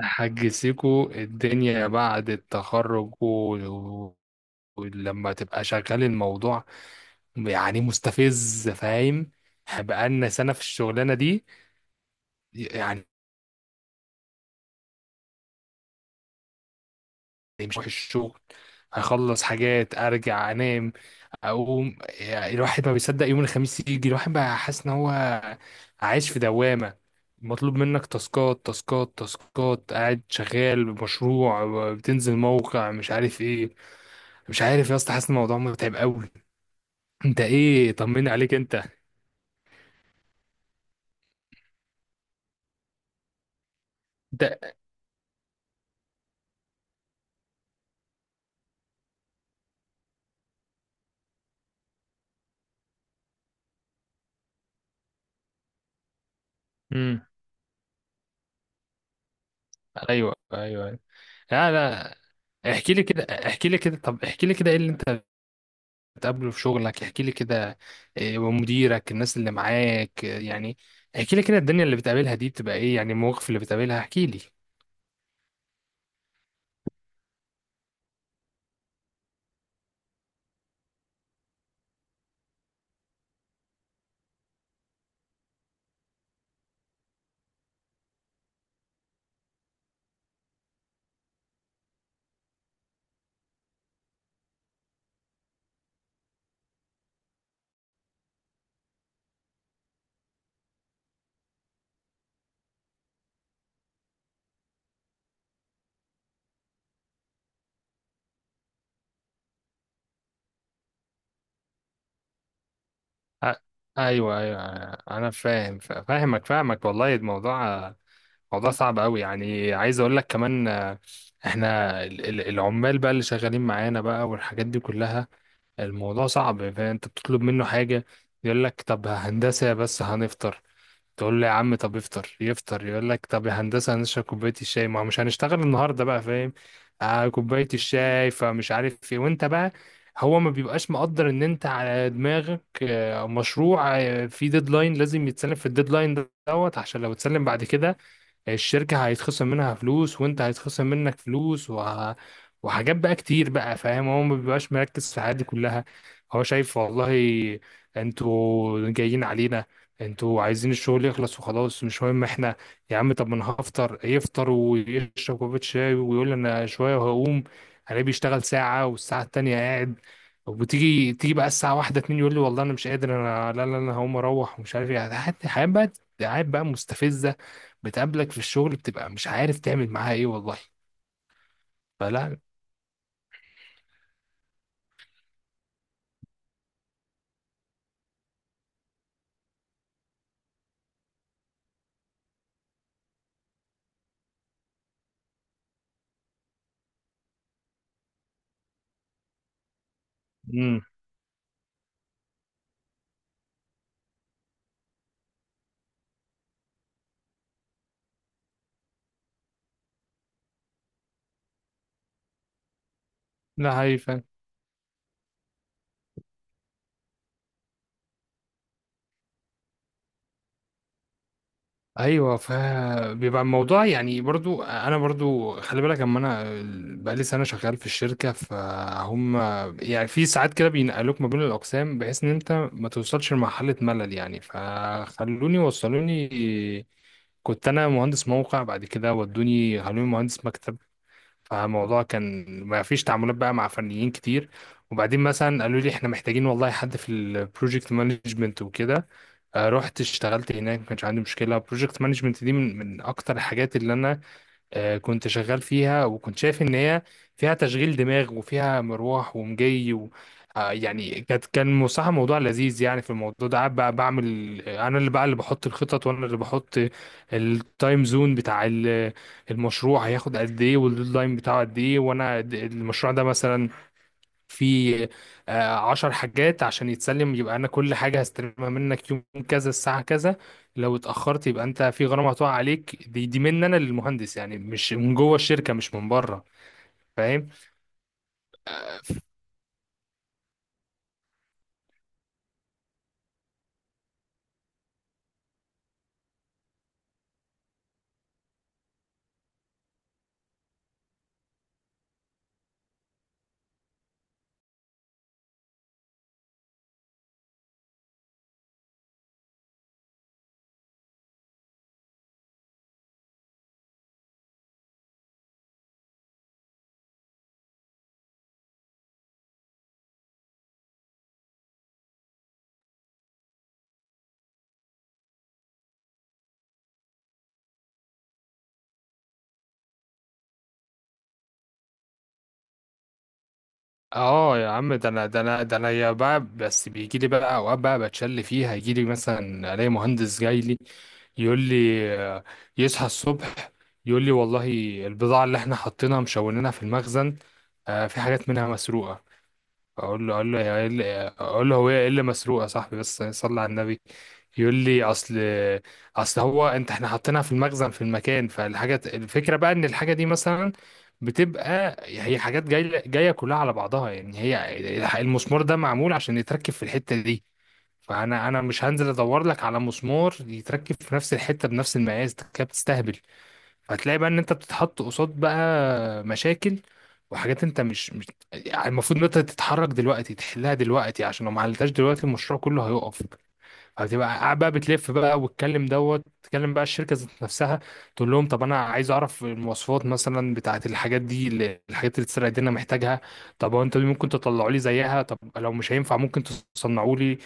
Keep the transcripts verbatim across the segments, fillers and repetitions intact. حاج سيكو الدنيا بعد التخرج و- ولما تبقى شغال الموضوع يعني مستفز، فاهم؟ بقالنا سنة في الشغلانة دي يعني. مش هروح الشغل، هخلص حاجات، ارجع انام، اقوم. يعني الواحد ما بيصدق يوم الخميس يجي. الواحد بقى حاسس ان هو عايش في دوامة. مطلوب منك تاسكات تاسكات تاسكات، قاعد شغال بمشروع، بتنزل موقع مش عارف ايه. مش عارف يا اسطى، حاسس إن الموضوع متعب قوي. انت ايه؟ طمني عليك انت. انت امم، ايوه ايوه أيوة. لا لا. احكي لي كده احكي لي كده طب احكي لي كده، ايه اللي انت بتقابله في شغلك؟ احكي لي كده. إيه ومديرك الناس اللي معاك، إيه يعني؟ احكي لي كده الدنيا اللي بتقابلها دي بتبقى ايه يعني؟ المواقف اللي بتقابلها، احكي لي. أ- ايوه ايوه، انا فاهم. فا- فاهمك فاهمك والله. الموضوع موضوع صعب قوي يعني. عايز اقول لك كمان آه، احنا ال- ال- العمال بقى اللي شغالين معانا بقى والحاجات دي كلها الموضوع صعب. فانت بتطلب منه حاجة يقول لك طب هندسة بس هنفطر. تقول له يا عم طب افطر. يفطر يقول لك طب يا هندسه هنشرب كوبايه الشاي، ما هو مش هنشتغل النهارده بقى، فاهم؟ آه كوبايه الشاي فمش عارف ايه. وانت بقى هو ما بيبقاش مقدر ان انت على دماغك آه، مشروع، آه، في ديدلاين لازم يتسلم في الديدلاين دوت، عشان لو اتسلم بعد كده الشركة هيتخصم منها فلوس، وانت هيتخصم منك فلوس وه... وحاجات بقى كتير بقى، فاهم؟ هو ما بيبقاش مركز في الحاجات دي كلها. هو شايف والله انتوا جايين علينا، انتوا عايزين الشغل يخلص وخلاص، مش مهم احنا. يا عم طب، ما انا هفطر. يفطر ويشرب كوباية شاي ويقول انا شوية وهقوم. انا بيشتغل ساعة والساعة التانية قاعد. وتيجي تيجي بقى الساعة واحدة اتنين يقول لي والله انا مش قادر، انا لا لا، انا هقوم اروح ومش عارف ايه. حياة حياة بقى، حياة بقى مستفزة بتقابلك في الشغل، بتبقى مش عارف تعمل معاها ايه والله. فلا، امم، لا هي فعلا. ايوه، فبيبقى الموضوع يعني برضو. انا برضو خلي بالك، اما انا بقالي سنه شغال في الشركه، فهم. يعني في ساعات كده بينقلوك ما بين الاقسام، بحيث ان انت ما توصلش لمرحله ملل. يعني فخلوني وصلوني، كنت انا مهندس موقع، بعد كده ودوني خلوني مهندس مكتب. فالموضوع كان ما فيش تعاملات بقى مع فنيين كتير. وبعدين مثلا قالوا لي احنا محتاجين والله حد في البروجكت مانجمنت وكده. آه، رحت اشتغلت هناك، ما كانش عندي مشكله. البروجكت مانجمنت دي من من اكتر الحاجات اللي انا آه، كنت شغال فيها، وكنت شايف ان هي فيها تشغيل دماغ وفيها مروح ومجي، و آه، يعني كانت كان صراحة موضوع لذيذ يعني. في الموضوع ده قاعد بقى بعمل آه، انا اللي بقى اللي بحط الخطط، وانا اللي بحط التايم زون بتاع ال- المشروع. هياخد قد ايه والديدلاين بتاعه قد ايه؟ وانا د- المشروع ده مثلا في آه، عشر حاجات عشان يتسلم، يبقى انا كل حاجة هستلمها منك يوم كذا الساعة كذا. لو اتأخرت يبقى انت في غرامة هتقع عليك. دي دي مني انا للمهندس يعني، مش من جوه الشركة، مش من بره، فاهم؟ اه يا عم، ده انا ده انا ده انا يا بقى. بس بيجي لي بقى اوقات بقى بتشل فيها، يجي لي مثلا الاقي مهندس جاي لي يقول لي، آه، يصحى الصبح يقول لي والله البضاعة اللي احنا حاطينها مشونينها في المخزن، آه، في حاجات منها مسروقة. اقول له اقول له يا- اقول له أقول له هو ايه اللي مسروق يا صاحبي؟ بس صلي على النبي. يقول لي اصل اصل هو انت احنا حاطينها في المخزن في المكان. فالحاجه، الفكره بقى ان الحاجه دي مثلا بتبقى، هي حاجات جايه جايه كلها على بعضها. يعني هي المسمار ده معمول عشان يتركب في الحته دي، فانا انا مش هنزل ادور لك على مسمار يتركب في نفس الحته بنفس المقاس، ده كده بتستهبل. هتلاقي بقى ان انت بتتحط قصاد بقى مشاكل وحاجات انت مش, مش يعني. المفروض ان انت تتحرك دلوقتي تحلها دلوقتي، عشان لو ما حلتهاش دلوقتي المشروع كله هيقف. هتبقى قاعد بقى بتلف بقى، وتكلم دوت تكلم بقى الشركه ذات نفسها، تقول لهم طب انا عايز اعرف المواصفات مثلا بتاعه الحاجات دي اللي- الحاجات اللي اتسرقت دي، انا محتاجها. طب هو انتوا دي ممكن تطلعوا لي زيها؟ طب لو مش هينفع ممكن تصنعوا لي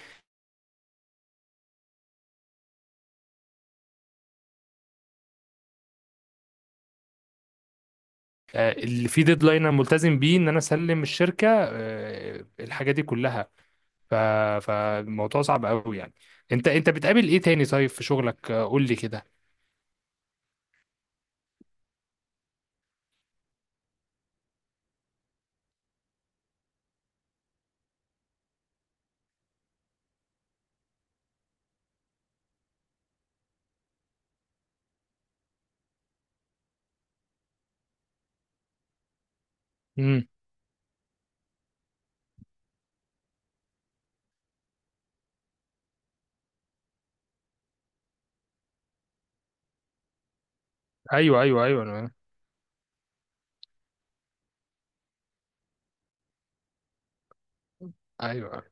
آه، اللي فيه ديدلاين، انا ملتزم بيه ان انا اسلم الشركه آه، الحاجه دي كلها. ف... فالموضوع صعب قوي يعني. انت انت بتقابل ايه تاني طيب في شغلك؟ آه، قول لي كده. امم. ايوه ايوه ايوه، انا ايوه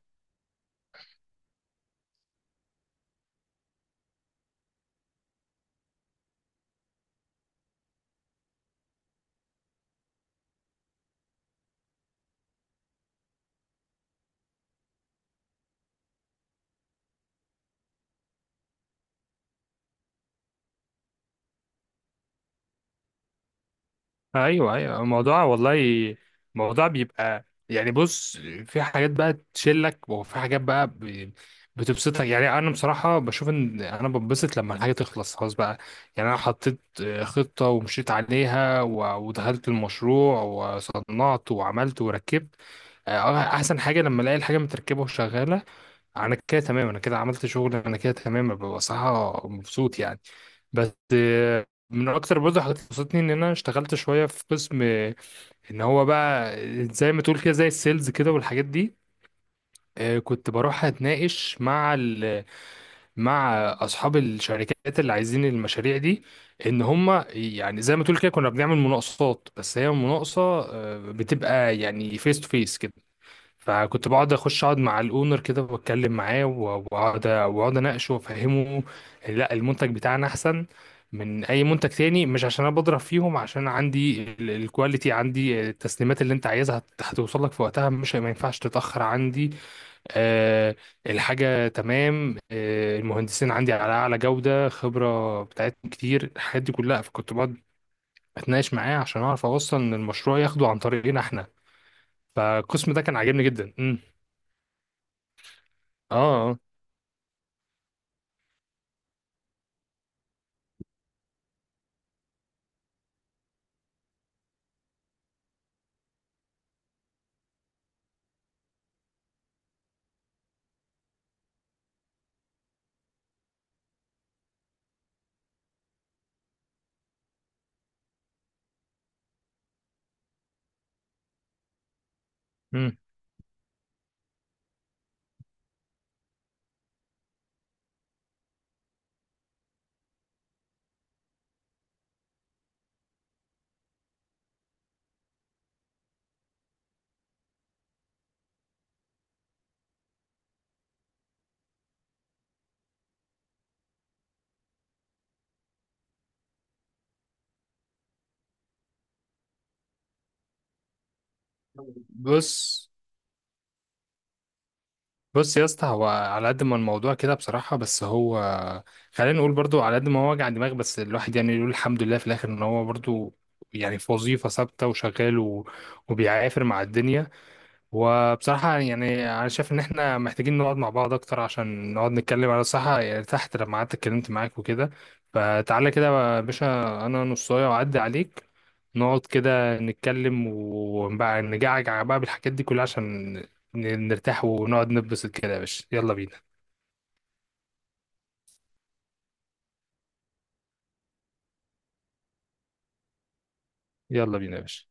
ايوه ايوه. الموضوع والله، الموضوع بيبقى يعني، بص، في حاجات بقى تشلك، وفي حاجات بقى ب- بتبسطك. يعني انا بصراحه بشوف ان انا بنبسط لما الحاجه تخلص، خلاص بقى. يعني انا حطيت آه، خطه ومشيت عليها و- ودخلت المشروع وصنعت وعملت وركبت. آه، احسن حاجه لما الاقي الحاجه متركبه وشغاله. انا كده تمام، انا كده عملت شغل، انا كده تمام، ببقى صراحه مبسوط يعني. بس آه، من اكتر برضه حاجات اللي بسطتني ان انا اشتغلت شويه في قسم آه، ان هو بقى زي ما تقول كده زي السيلز كده والحاجات دي. آه، كنت بروح اتناقش مع ال مع اصحاب الشركات اللي عايزين المشاريع دي، ان هم يعني زي ما تقول كده. كنا بنعمل مناقصات، بس هي مناقصه آه، بتبقى يعني فيس تو فيس. فكنت بقعد اخش اقعد مع الاونر كده واتكلم معاه و- واقعد واقعد اناقشه وافهمه، لا المنتج بتاعنا احسن من اي منتج تاني، مش عشان انا بضرب فيهم، عشان عندي ال- الكواليتي، عندي التسليمات اللي انت عايزها هت- هتوصل لك في وقتها، مش ما ينفعش تتاخر عندي. أه، الحاجه تمام. أه، المهندسين عندي على اعلى جوده، خبره بتاعتهم كتير، الحاجات دي كلها. فكنت بقعد اتناقش معاه عشان اعرف اوصل ان المشروع ياخده عن طريقنا احنا. فالقسم ده كان عاجبني جدا. امم، اه، مم. بص بص يا اسطى، هو على قد ما الموضوع كده بصراحة، بس هو خلينا نقول برضو، على قد ما هو وجع دماغ، بس الواحد يعني يقول الحمد لله في الآخر إن هو برضو يعني في وظيفة ثابتة وشغال و- وبيعافر مع الدنيا. وبصراحة يعني أنا شايف إن إحنا محتاجين نقعد مع بعض أكتر عشان نقعد نتكلم على الصحة، يعني تحت لما قعدت اتكلمت معاك وكده. فتعالى كده يا باشا، أنا نصاية وأعدي عليك، نقعد كده نتكلم وبقى نجعجع بقى بالحاجات دي كلها عشان ن- نرتاح ونقعد نتبسط كده يا باشا. يلا بينا، يلا بينا يا باشا.